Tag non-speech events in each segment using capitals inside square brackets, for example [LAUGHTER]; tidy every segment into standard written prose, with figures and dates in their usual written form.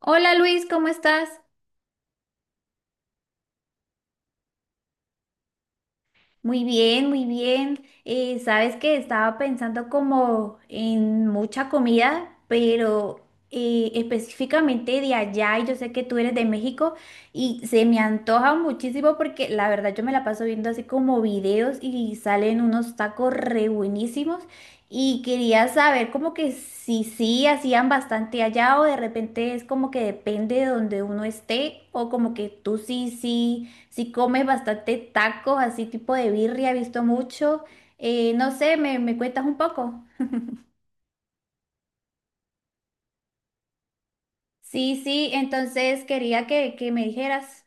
Hola Luis, ¿cómo estás? Muy bien, muy bien. Sabes que estaba pensando como en mucha comida, pero específicamente de allá, y yo sé que tú eres de México, y se me antoja muchísimo porque la verdad yo me la paso viendo así como videos y salen unos tacos re buenísimos. Y quería saber como que si sí hacían bastante allá o de repente es como que depende de donde uno esté o como que tú sí, sí. Si comes bastante tacos, así tipo de birria, he visto mucho. No sé, me cuentas un poco. Sí, sí, entonces quería que me dijeras.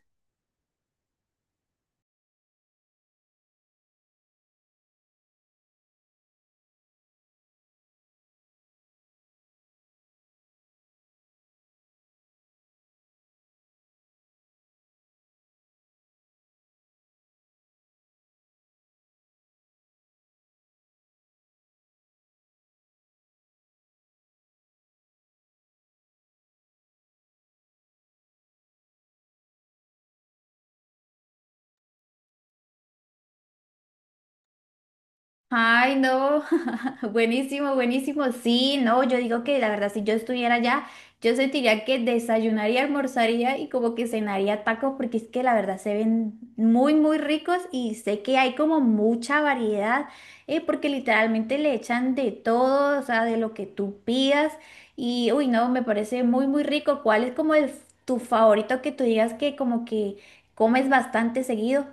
Ay, no, [LAUGHS] buenísimo, buenísimo. Sí, no, yo digo que la verdad, si yo estuviera allá, yo sentiría que desayunaría, almorzaría y como que cenaría tacos, porque es que la verdad se ven muy, muy ricos y sé que hay como mucha variedad, porque literalmente le echan de todo, o sea, de lo que tú pidas. Y, uy, no, me parece muy, muy rico. ¿Cuál es como el, tu favorito que tú digas que como que comes bastante seguido?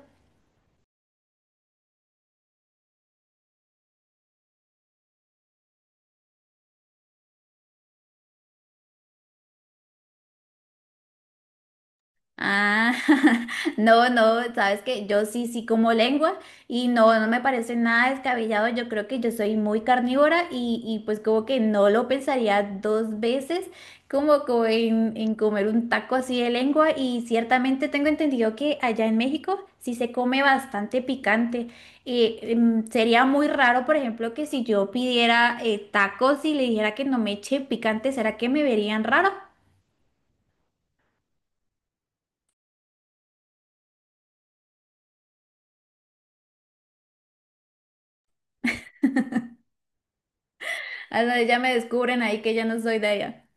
Ah, [LAUGHS] no, no, sabes que yo sí, sí como lengua y no, no me parece nada descabellado. Yo creo que yo soy muy carnívora y pues como que no lo pensaría dos veces como, como en comer un taco así de lengua y ciertamente tengo entendido que allá en México sí se come bastante picante. Sería muy raro, por ejemplo, que si yo pidiera tacos y le dijera que no me eche picante, ¿será que me verían raro? Ah, no, ya me descubren ahí que ya no soy de allá.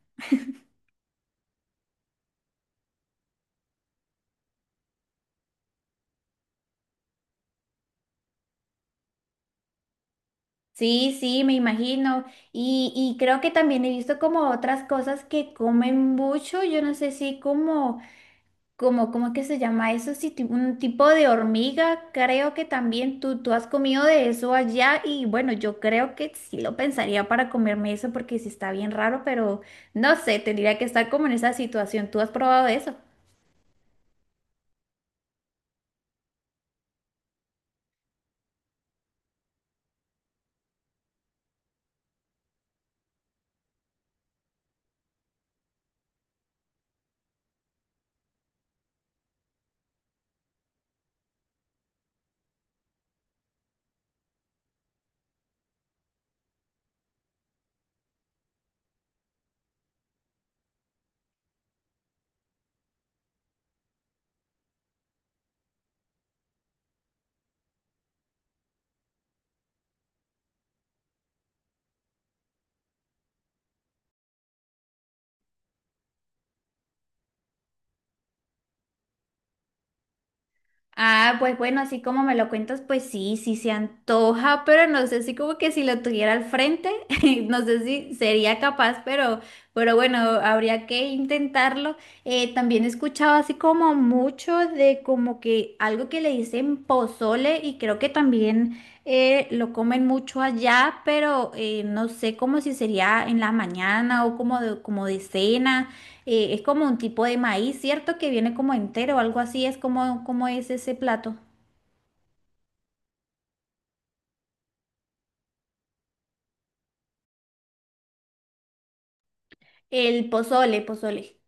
Sí, sí, me imagino. Y creo que también he visto como otras cosas que comen mucho. Yo no sé si como, como, ¿cómo es que se llama eso? Sí, un tipo de hormiga. Creo que también tú has comido de eso allá. Y bueno, yo creo que sí lo pensaría para comerme eso porque sí está bien raro, pero no sé, tendría que estar como en esa situación. ¿Tú has probado eso? Ah, pues bueno, así como me lo cuentas, pues sí, sí se antoja, pero no sé si como que si lo tuviera al frente, [LAUGHS] no sé si sería capaz, pero bueno, habría que intentarlo. También he escuchado así como mucho de como que algo que le dicen pozole y creo que también lo comen mucho allá, pero no sé como si sería en la mañana o como de cena. Es como un tipo de maíz, ¿cierto? Que viene como entero o algo así. Es como, como es ese plato. El pozole, pozole.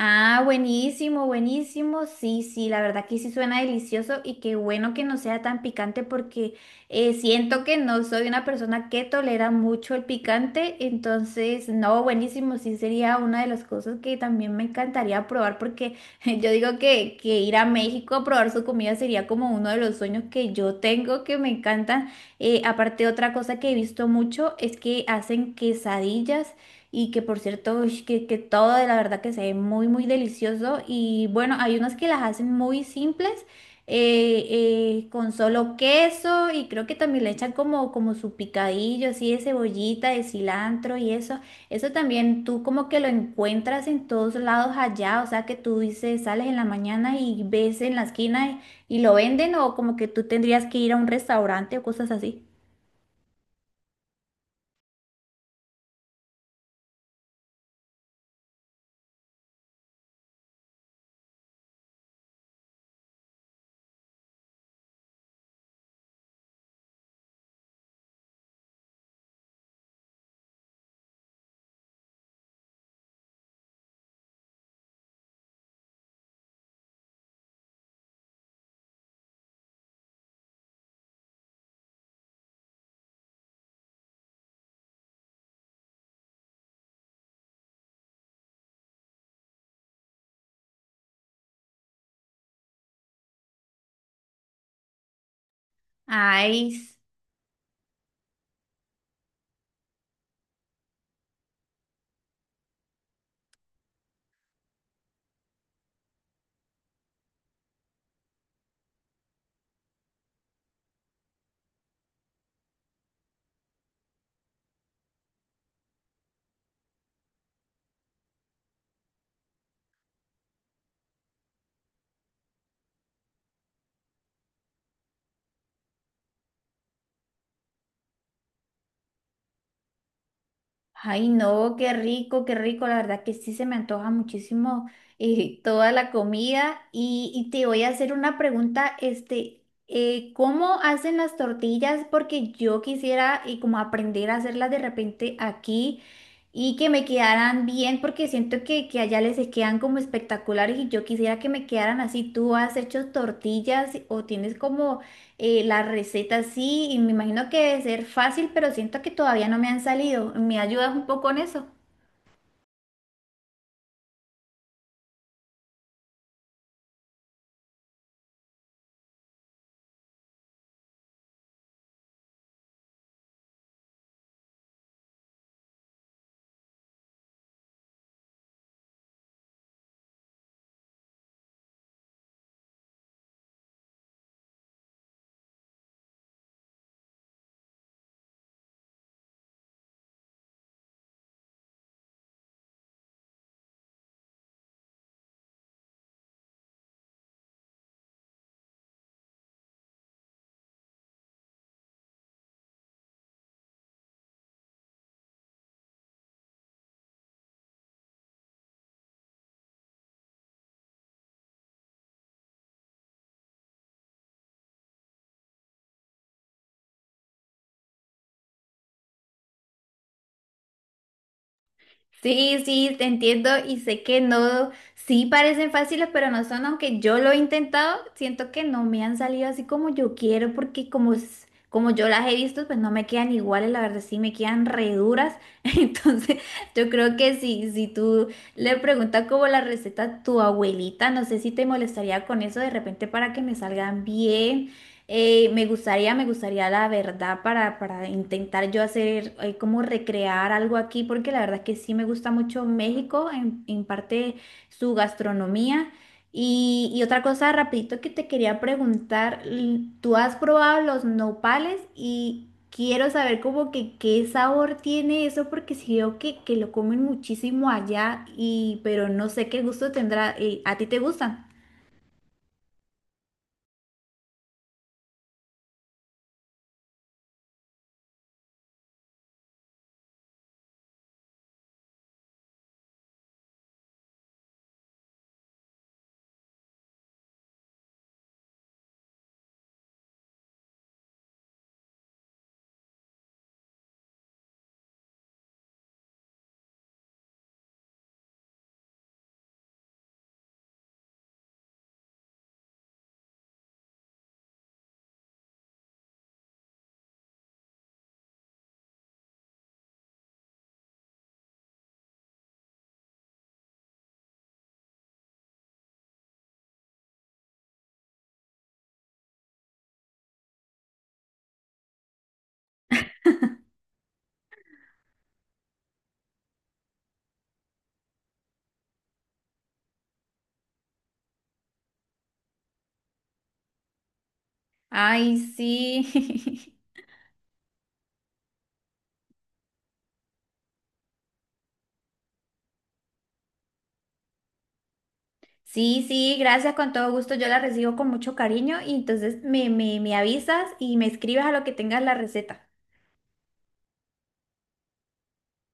Ah, buenísimo, buenísimo. Sí, sí, la verdad que sí suena delicioso y qué bueno que no sea tan picante porque siento que no soy una persona que tolera mucho el picante, entonces no, buenísimo, sí sería una de las cosas que también me encantaría probar porque [LAUGHS] yo digo que ir a México a probar su comida sería como uno de los sueños que yo tengo que me encantan. Aparte, otra cosa que he visto mucho es que hacen quesadillas. Y que por cierto, ush, que todo de la verdad que se ve muy, muy delicioso. Y bueno, hay unas que las hacen muy simples, eh, con solo queso y creo que también le echan como, como su picadillo, así de cebollita, de cilantro y eso. Eso también tú como que lo encuentras en todos lados allá, o sea que tú dices, sales en la mañana y ves en la esquina y lo venden o como que tú tendrías que ir a un restaurante o cosas así. Ay, ay, no, qué rico, qué rico. La verdad que sí se me antoja muchísimo toda la comida. Y te voy a hacer una pregunta, este, ¿cómo hacen las tortillas? Porque yo quisiera como aprender a hacerlas de repente aquí y que me quedaran bien, porque siento que allá les quedan como espectaculares y yo quisiera que me quedaran así. ¿Tú has hecho tortillas o tienes como la receta sí, y me imagino que debe ser fácil, pero siento que todavía no me han salido? ¿Me ayudas un poco con eso? Sí, sí, te entiendo y sé que no, sí parecen fáciles, pero no son, aunque yo lo he intentado, siento que no me han salido así como yo quiero, porque como, como yo las he visto, pues no me quedan iguales, la verdad sí me quedan re duras. [LAUGHS] Entonces, yo creo que si, si tú le preguntas como la receta a tu abuelita, no sé si te molestaría con eso de repente para que me salgan bien. Me gustaría la verdad para intentar yo hacer, como recrear algo aquí, porque la verdad es que sí me gusta mucho México, en parte su gastronomía. Y otra cosa, rapidito que te quería preguntar, ¿tú has probado los nopales? Y quiero saber como que qué sabor tiene eso, porque sí veo que lo comen muchísimo allá, y, pero no sé qué gusto tendrá. ¿A ti te gustan? Ay, sí. [LAUGHS] Sí, sí, gracias, con todo gusto. Yo la recibo con mucho cariño y entonces me avisas y me escribes a lo que tengas la receta.